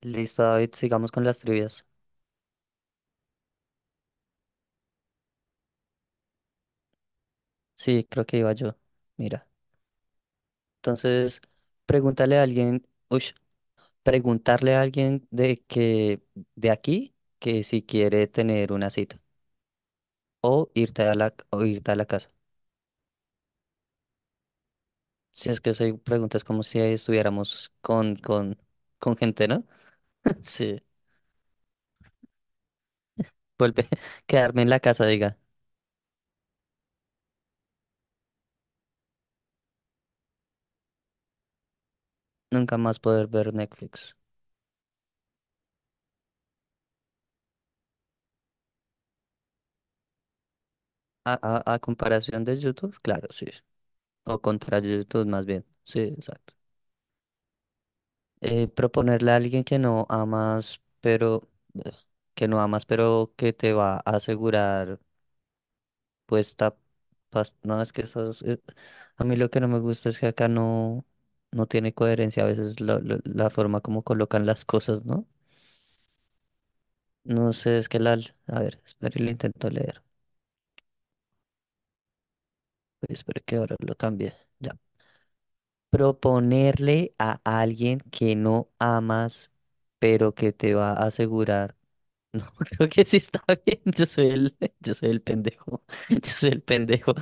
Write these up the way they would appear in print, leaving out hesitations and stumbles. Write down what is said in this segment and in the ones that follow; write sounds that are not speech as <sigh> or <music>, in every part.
Listo, David, sigamos con las trivias. Sí, creo que iba yo. Mira, entonces, pregúntale a alguien, uy, preguntarle a alguien de aquí que si quiere tener una cita o irte a la casa. Si es que soy preguntas como si estuviéramos con gente, ¿no? <laughs> Sí. Vuelve, <laughs> quedarme en la casa, diga. Nunca más poder ver Netflix. A, a comparación de YouTube, claro, sí. O contra YouTube más bien. Sí, exacto. Proponerle a alguien que no amas, pero ugh, que no amas, pero que te va a asegurar puesta no es que esas a mí lo que no me gusta es que acá no no tiene coherencia a veces la forma como colocan las cosas, ¿no? No sé, es que la a ver, espere, lo intento leer. Uy, espere que ahora lo cambie. Ya. Proponerle a alguien que no amas, pero que te va a asegurar. Creo que sí está <laughs> bien. Yo soy el, <laughs> yo soy el pendejo. <laughs> Yo soy el pendejo.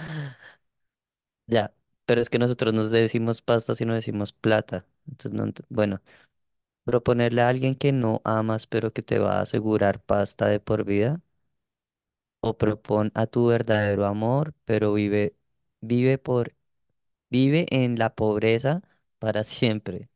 Ya, pero es que nosotros nos decimos pasta, si no decimos plata. Entonces, no, bueno, proponerle a alguien que no amas, pero que te va a asegurar pasta de por vida, o propon a tu verdadero amor, pero vive por, vive en la pobreza para siempre.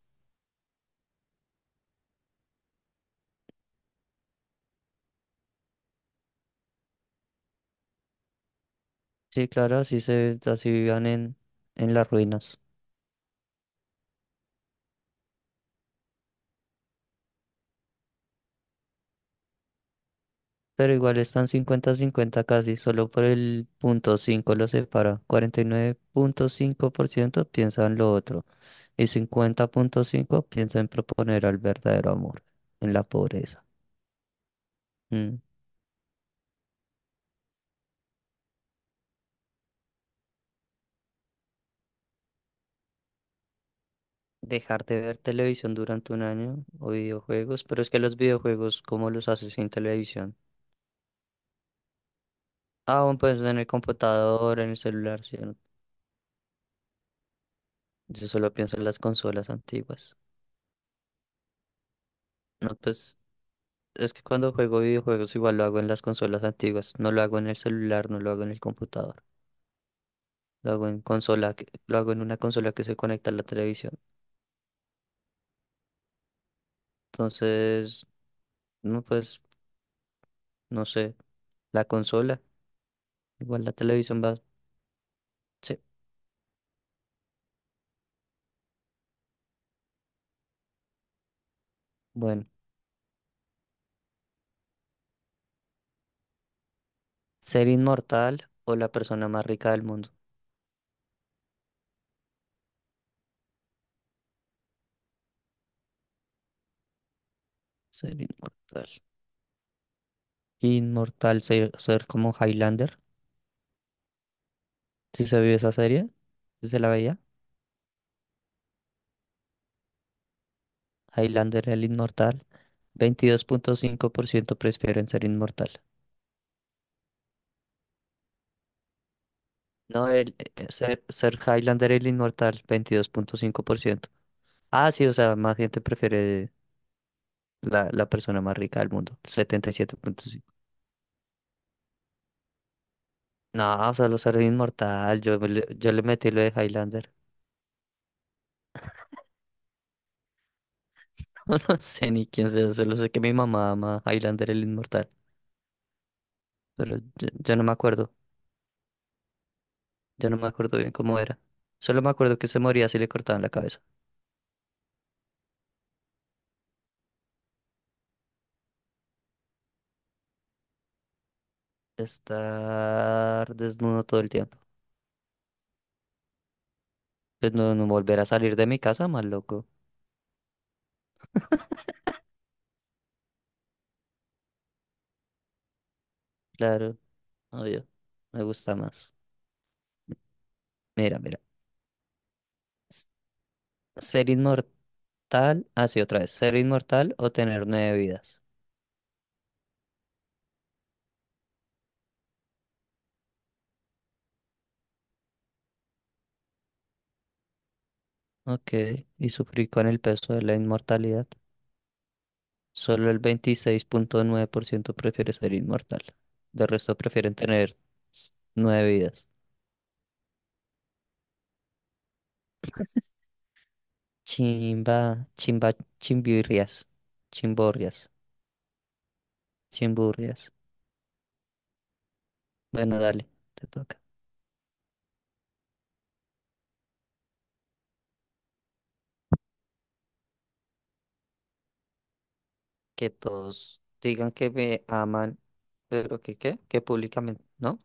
Sí, claro, así vivan en las ruinas. Pero igual están cincuenta cincuenta casi, solo por el punto 5 lo separa. 49.5% piensa en lo otro y 50.5% piensa en proponer al verdadero amor, en la pobreza. Mm. Dejar de ver televisión durante un año o videojuegos, pero es que los videojuegos, ¿cómo los haces sin televisión? Ah, bueno, pues en el computador, en el celular, sí. Yo no- Yo solo pienso en las consolas antiguas. No, pues es que cuando juego videojuegos igual lo hago en las consolas antiguas, no lo hago en el celular, no lo hago en el computador, lo hago en consola, lo hago en una consola que se conecta a la televisión. Entonces, no pues, no sé, la consola, igual la televisión va, sí, bueno, ser inmortal o la persona más rica del mundo, ser inmortal. Inmortal, ser como Highlander, si se vio esa serie, si se la veía. Highlander el inmortal, veintidós punto cinco por ciento prefieren ser inmortal. No, Sir Highlander el inmortal, veintidós punto cinco por ciento. Ah, sí, o sea, más gente prefiere la persona más rica del mundo, el setenta y siete punto cinco. No, solo ser inmortal. Yo yo le metí lo de Highlander. <laughs> No, no sé ni quién sea, solo sé que mi mamá ama Highlander el inmortal, pero yo no me acuerdo, yo no me acuerdo bien cómo era. Solo me acuerdo que se moría si le cortaban la cabeza. Estar desnudo todo el tiempo. Pues no, no volver a salir de mi casa, más loco. Claro, obvio, me gusta más. Mira, mira. S- Ser inmortal. Ah, sí, otra vez. Ser inmortal o tener nueve vidas. Ok. Y sufrir con el peso de la inmortalidad. Solo el veintiséis punto nueve por ciento prefiere ser inmortal. De resto prefieren tener nueve vidas. <laughs> Chimba, chimba, chimbirrias. Chimborrias. Chimburrias. Bueno, dale, te toca. Que todos digan que me aman, pero que qué, que públicamente, ¿no?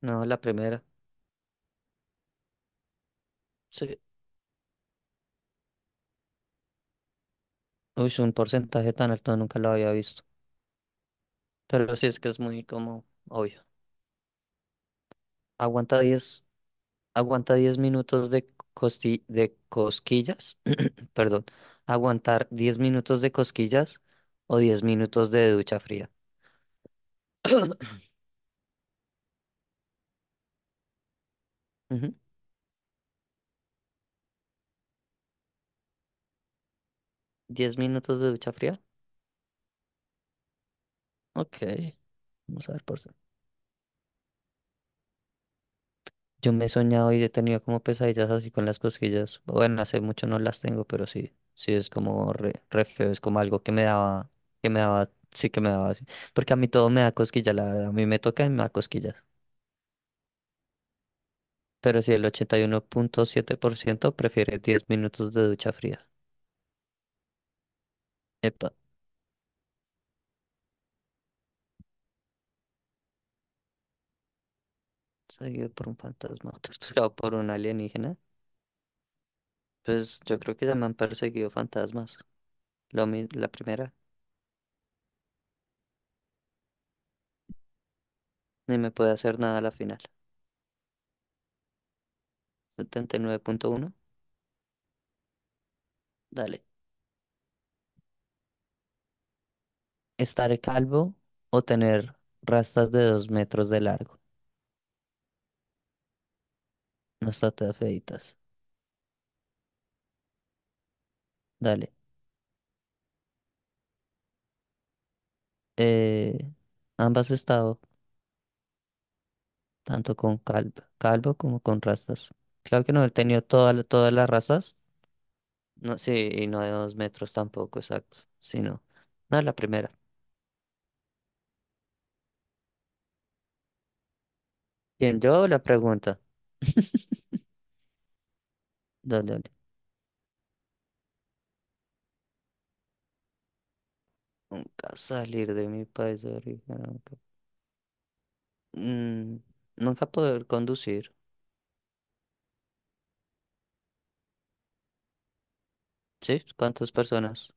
No, la primera. Sí. Uy, un porcentaje tan alto nunca lo había visto. Pero sí es que es muy como obvio. Aguanta 10 aguanta 10 minutos de de cosquillas, <clears throat> perdón. Aguantar 10 minutos de cosquillas o 10 minutos de ducha fría. <clears throat> Ujú, ¿10 minutos de ducha fría? Ok, vamos a ver porcentaje. Yo me he soñado y he tenido como pesadillas así con las cosquillas. Bueno, hace mucho no las tengo, pero sí, sí es como re, re feo, es como algo que me daba, sí que me daba. Así. Porque a mí todo me da cosquillas, la verdad, a mí me toca y me da cosquillas. Pero si el ochenta y uno punto siete por ciento prefiere diez minutos de ducha fría. Epa, seguido por un fantasma, <laughs> torturado por un alienígena. Pues yo creo que ya me han perseguido fantasmas. La primera, ni me puede hacer nada a la final. Setenta y nueve punto uno. Dale. Estar calvo o tener rastas de dos metros de largo. No está tan feitas. Dale. Eh, Ambas he estado, tanto con calvo, calvo como con rastas. Claro que no he tenido todas las rastas. No, sí, y no de dos metros tampoco, exacto. Sino, no, la primera. ¿Quién yo o la pregunta? Dale, dale. Nunca salir de mi país de origen. Mm, Nunca poder conducir. ¿Sí? ¿Cuántas personas?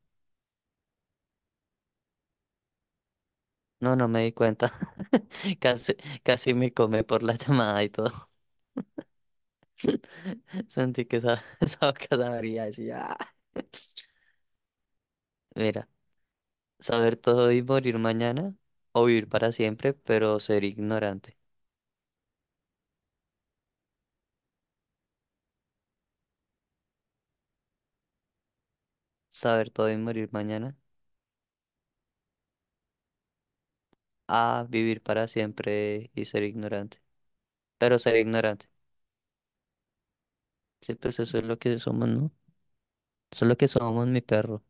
No, no me di cuenta. <laughs> Casi, casi me come por la <laughs> llamada y todo. <laughs> Sentí que esa, <laughs> esa boca sabría decir, "Ah". <laughs> Mira, saber todo y morir mañana, o vivir para siempre, pero ser ignorante. Saber todo y morir mañana, a vivir para siempre y ser ignorante. Pero ser ignorante. Sí, pues eso es lo que somos, ¿no? Eso es lo que somos, mi perro.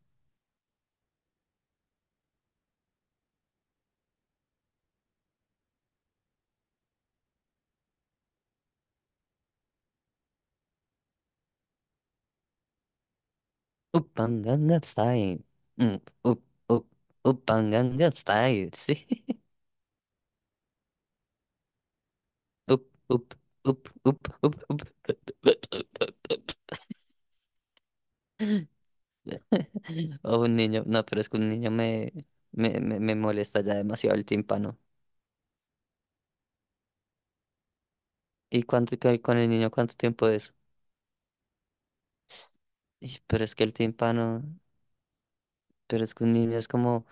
Upanganga style. Mm, up, up, upanganga style, sí. <laughs> Up, up, up, up, up, up. <laughs> O un niño, no, pero es que un niño me molesta ya demasiado el tímpano. ¿Y cuánto que con el niño cuánto tiempo es? Ish, pero es que el tímpano, pero es que un niño es como,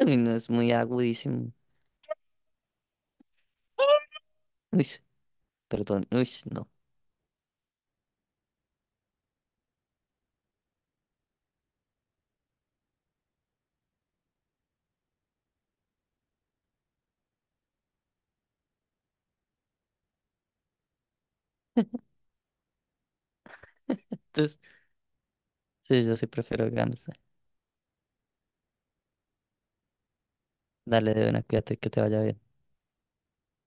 uy, no es muy agudísimo. Uy, perdón, uy, no. Entonces, sí, yo sí prefiero grandes. Dale de una, cuídate, que te vaya bien.